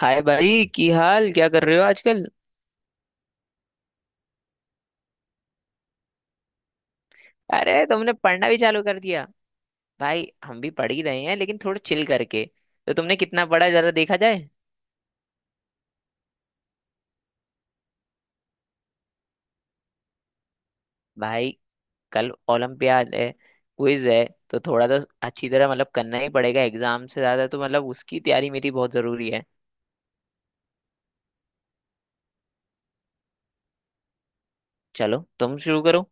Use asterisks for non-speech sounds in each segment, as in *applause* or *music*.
हाय भाई की हाल क्या कर रहे हो आजकल? अरे तुमने पढ़ना भी चालू कर दिया? भाई हम भी पढ़ ही रहे हैं, लेकिन थोड़ा चिल करके। तो तुमने कितना पढ़ा, जरा देखा जाए। भाई कल ओलंपियाड है, क्विज है, तो थोड़ा तो अच्छी तरह मतलब करना ही पड़ेगा, एग्जाम से ज्यादा तो मतलब उसकी तैयारी मेरी बहुत जरूरी है। चलो तुम शुरू करो।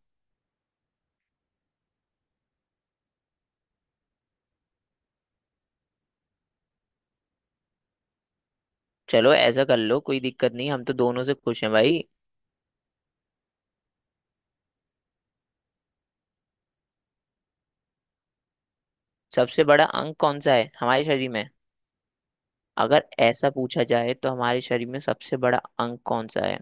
चलो ऐसा कर लो, कोई दिक्कत नहीं, हम तो दोनों से खुश हैं भाई। सबसे बड़ा अंग कौन सा है हमारे शरीर में? अगर ऐसा पूछा जाए तो हमारे शरीर में सबसे बड़ा अंग कौन सा है?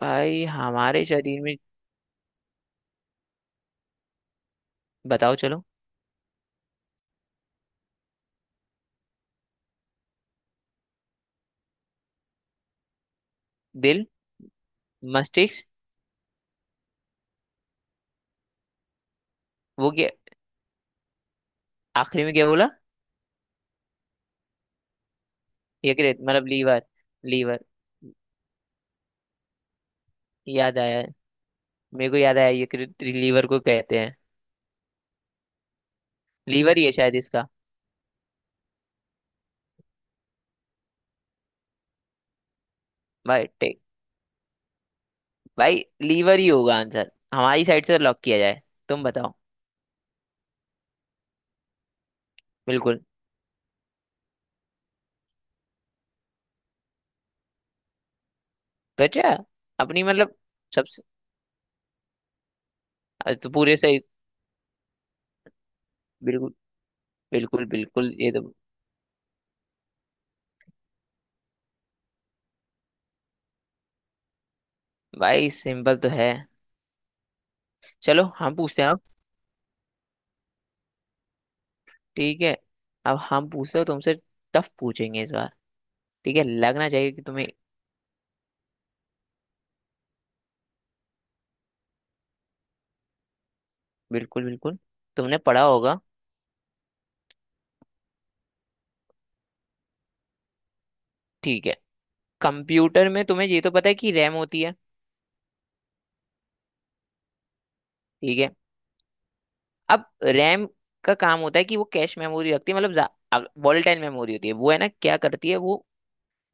भाई हमारे शरीर में, बताओ चलो। दिल, मस्तिष्क। वो क्या? आखिरी में क्या बोला? यकृत मतलब लीवर? लीवर। याद आया, मेरे को याद आया, यकृत लीवर को कहते हैं। लीवर ही है शायद इसका। भाई टेक, भाई लीवर ही होगा आंसर, हमारी साइड से लॉक किया जाए। तुम बताओ। बिल्कुल। तो अच्छा। अपनी मतलब, सबसे। आज तो पूरे सही। बिल्कुल। बिल्कुल बिल्कुल, ये तो। भाई सिंपल तो है। चलो हम पूछते हैं अब। ठीक है, अब हम पूछते हो तुमसे, टफ पूछेंगे इस बार। ठीक है, लगना चाहिए कि तुम्हें। बिल्कुल बिल्कुल, तुमने पढ़ा होगा। ठीक है, कंप्यूटर में तुम्हें ये तो पता है कि रैम होती है। ठीक है। अब रैम का काम होता है कि वो कैश मेमोरी रखती है, मतलब वॉलेटाइल मेमोरी होती है वो, है ना? क्या करती है वो।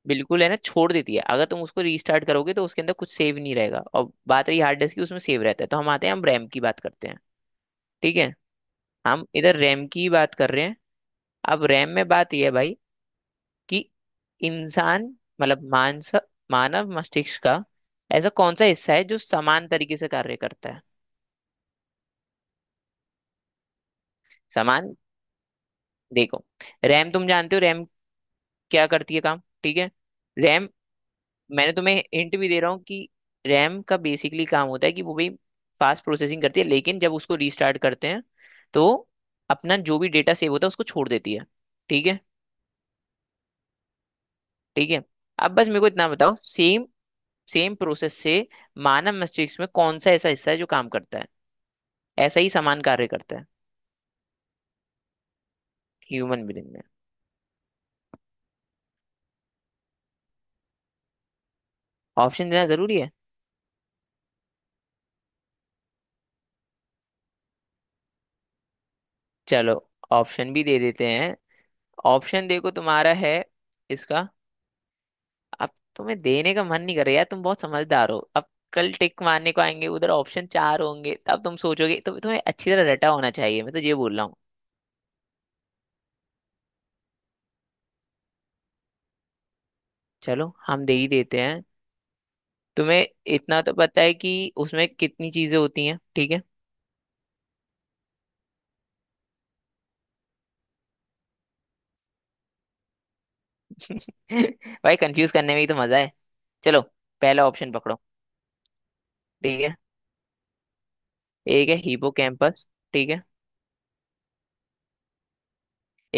बिल्कुल है ना, छोड़ देती है। अगर तुम उसको रीस्टार्ट करोगे तो उसके अंदर कुछ सेव नहीं रहेगा, और बात रही हार्ड डिस्क की, उसमें सेव रहता है। तो हम आते हैं, हम रैम की बात करते हैं। ठीक है, हम इधर रैम की बात कर रहे हैं। अब रैम में बात यह है भाई, कि इंसान, मतलब मानस मानव मस्तिष्क का ऐसा कौन सा हिस्सा है जो समान तरीके से कार्य करता है? समान, देखो, रैम तुम जानते हो, रैम क्या करती है काम, ठीक है। रैम, मैंने तुम्हें हिंट भी दे रहा हूँ कि रैम का बेसिकली काम होता है कि वो भी फास्ट प्रोसेसिंग करती है, लेकिन जब उसको रीस्टार्ट करते हैं तो अपना जो भी डेटा सेव होता है उसको छोड़ देती है। ठीक है। ठीक है, अब बस मेरे को इतना बताओ, सेम सेम प्रोसेस से मानव मस्तिष्क में कौन सा ऐसा हिस्सा है जो काम करता है, ऐसा ही समान कार्य करता है? ह्यूमन ब्रेन में। ऑप्शन देना जरूरी है। चलो ऑप्शन भी दे देते हैं। ऑप्शन देखो, तुम्हारा है इसका। अब तुम्हें देने का मन नहीं कर रहा यार, तुम बहुत समझदार हो अब। कल टिक मारने को आएंगे, उधर ऑप्शन चार होंगे, तब तुम सोचोगे, तो तुम्हें अच्छी तरह रटा होना चाहिए, मैं तो ये बोल रहा हूँ। चलो हम दे ही देते हैं। तुम्हें इतना तो पता है कि उसमें कितनी चीजें होती हैं, ठीक है। *laughs* भाई, कंफ्यूज करने में ही तो मजा है। चलो, पहला ऑप्शन पकड़ो। ठीक है, एक है हिपोकैम्पस, ठीक है।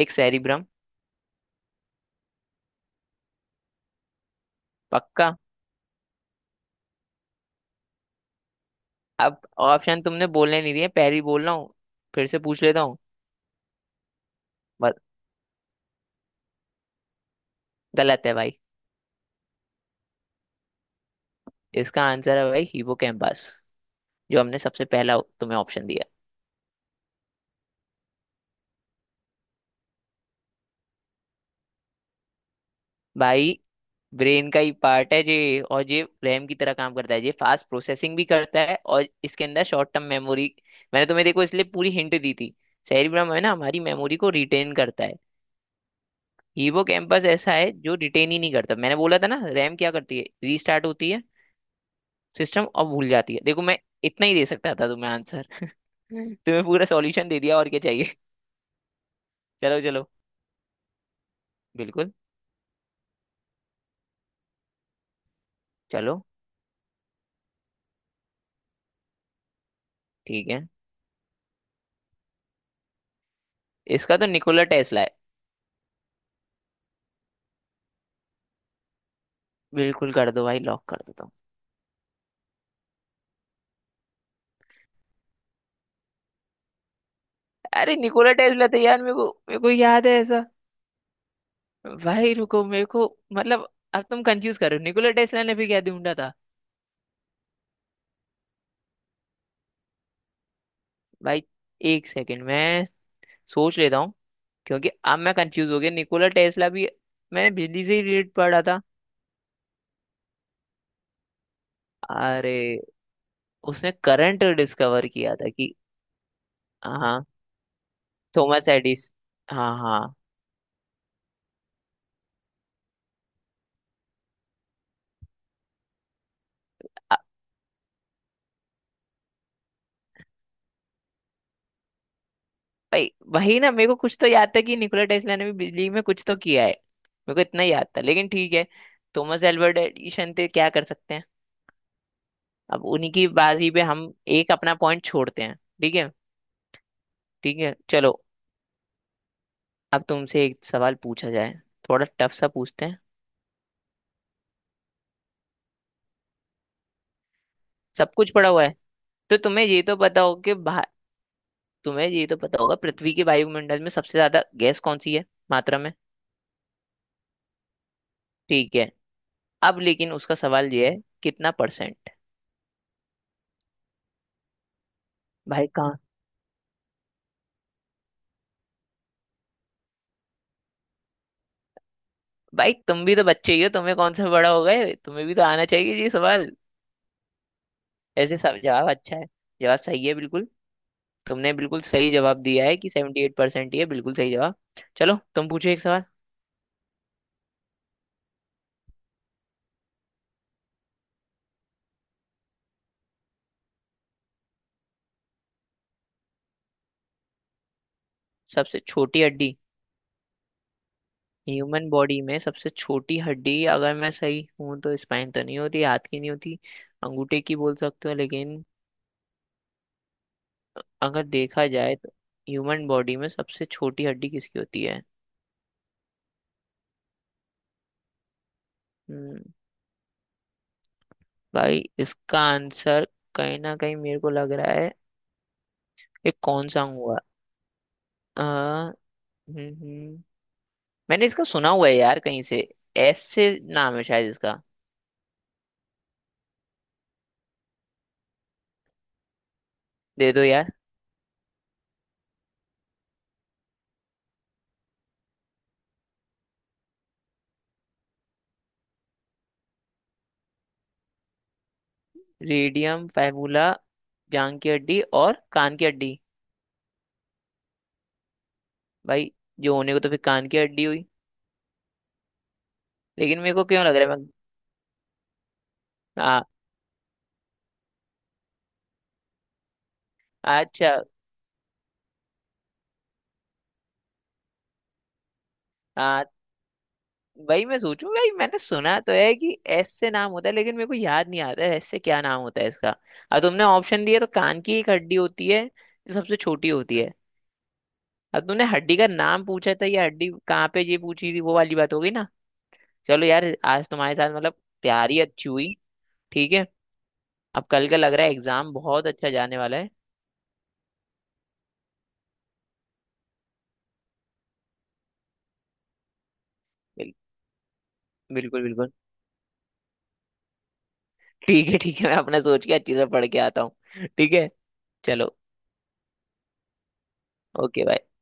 एक सेरिब्रम। पक्का। अब ऑप्शन तुमने बोलने नहीं दिए, पहले ही बोल रहा हूँ। फिर से पूछ लेता हूँ। बस, गलत है भाई। इसका आंसर है भाई हिपोकैम्पस, जो हमने सबसे पहला तुम्हें ऑप्शन दिया। भाई ब्रेन का ही पार्ट है ये, और ये रैम की तरह काम करता है, ये फास्ट प्रोसेसिंग भी करता है, और इसके अंदर शॉर्ट टर्म मेमोरी। मैंने तुम्हें देखो इसलिए पूरी हिंट दी थी। सेरिब्रम है ना, हमारी मेमोरी को रिटेन करता है। हिपोकैम्पस ऐसा है जो रिटेन ही नहीं करता। मैंने बोला था ना, रैम क्या करती है, रीस्टार्ट होती है सिस्टम, अब भूल जाती है। देखो, मैं इतना ही दे सकता था तुम्हें आंसर। तुम्हें पूरा सॉल्यूशन दे दिया, और क्या चाहिए? *laughs* चलो चलो। बिल्कुल। चलो ठीक है। इसका तो निकोला टेस्ला है। बिल्कुल कर दो भाई, लॉक कर दो तुम। अरे निकोला टेस्ला तो यार, मेरे को याद है ऐसा। भाई रुको, मेरे को, मतलब, अब तुम कंफ्यूज कर रहे हो। निकोला टेस्ला ने भी क्या ढूंढा था? भाई, एक सेकंड मैं सोच लेता हूँ, क्योंकि अब मैं कंफ्यूज हो गया, निकोला टेस्ला भी। मैंने बिजली से ही रिलेटेड पढ़ा था। अरे, उसने करंट डिस्कवर किया था कि, हाँ हाँ, थॉमस एडिस, हाँ हाँ, अ- भाई वही ना, मेरे को कुछ तो याद था कि निकोला टेस्ला ने भी बिजली में कुछ तो किया है, मेरे को इतना याद था, लेकिन ठीक है। थॉमस एल्वर्ट एडिशन थे, क्या कर सकते हैं। अब उन्हीं की बाजी पे हम एक अपना पॉइंट छोड़ते हैं। ठीक है। ठीक है चलो, अब तुमसे एक सवाल पूछा जाए, थोड़ा टफ सा पूछते हैं। सब कुछ पड़ा हुआ है, तो तुम्हें ये तो पता होगा कि तुम्हें ये तो पता होगा, पृथ्वी के वायुमंडल में सबसे ज्यादा गैस कौन सी है मात्रा में? ठीक है, अब लेकिन उसका सवाल ये है, कितना परसेंट? भाई कहाँ? भाई तुम भी तो बच्चे ही हो, तुम्हें कौन सा बड़ा हो गए, तुम्हें भी तो आना चाहिए ये सवाल। ऐसे सब जवाब अच्छा है, जवाब सही है बिल्कुल। तुमने बिल्कुल सही जवाब दिया है कि 78% ही है, बिल्कुल सही जवाब। चलो तुम पूछो एक सवाल। सबसे छोटी हड्डी। ह्यूमन बॉडी में सबसे छोटी हड्डी, अगर मैं सही हूं तो स्पाइन तो नहीं होती, हाथ की नहीं होती, अंगूठे की बोल सकते हो, लेकिन अगर देखा जाए तो ह्यूमन बॉडी में सबसे छोटी हड्डी किसकी होती है? हम्म, भाई इसका आंसर कहीं ना कहीं मेरे को लग रहा है। ये कौन सा हुआ? आ, हम्म। हम्म, मैंने इसका सुना हुआ है यार कहीं से, एस से नाम है शायद इसका। दे दो यार। रेडियम फैबुला, जांग की हड्डी और कान की हड्डी। भाई, जो होने को तो फिर कान की हड्डी हुई, लेकिन मेरे को क्यों लग रहा है, मैं। हाँ। अच्छा। हाँ, वही मैं सोचूं भाई, मैंने सुना तो है कि एस से नाम होता है, लेकिन मेरे को याद नहीं आता है एस से क्या नाम होता है इसका। अब तुमने ऑप्शन दिया तो कान की एक हड्डी होती है जो सबसे छोटी होती है। अब तुमने हड्डी का नाम पूछा था या हड्डी कहाँ पे ये पूछी थी, वो वाली बात हो गई ना। चलो यार। आज तुम्हारे साथ मतलब प्यारी अच्छी हुई। ठीक है। अब कल का लग रहा है, एग्जाम बहुत अच्छा जाने वाला है। बिल, बिल्कुल बिल्कुल। ठीक है ठीक है, मैं अपना सोच के अच्छे से पढ़ के आता हूँ। ठीक है। चलो। ओके।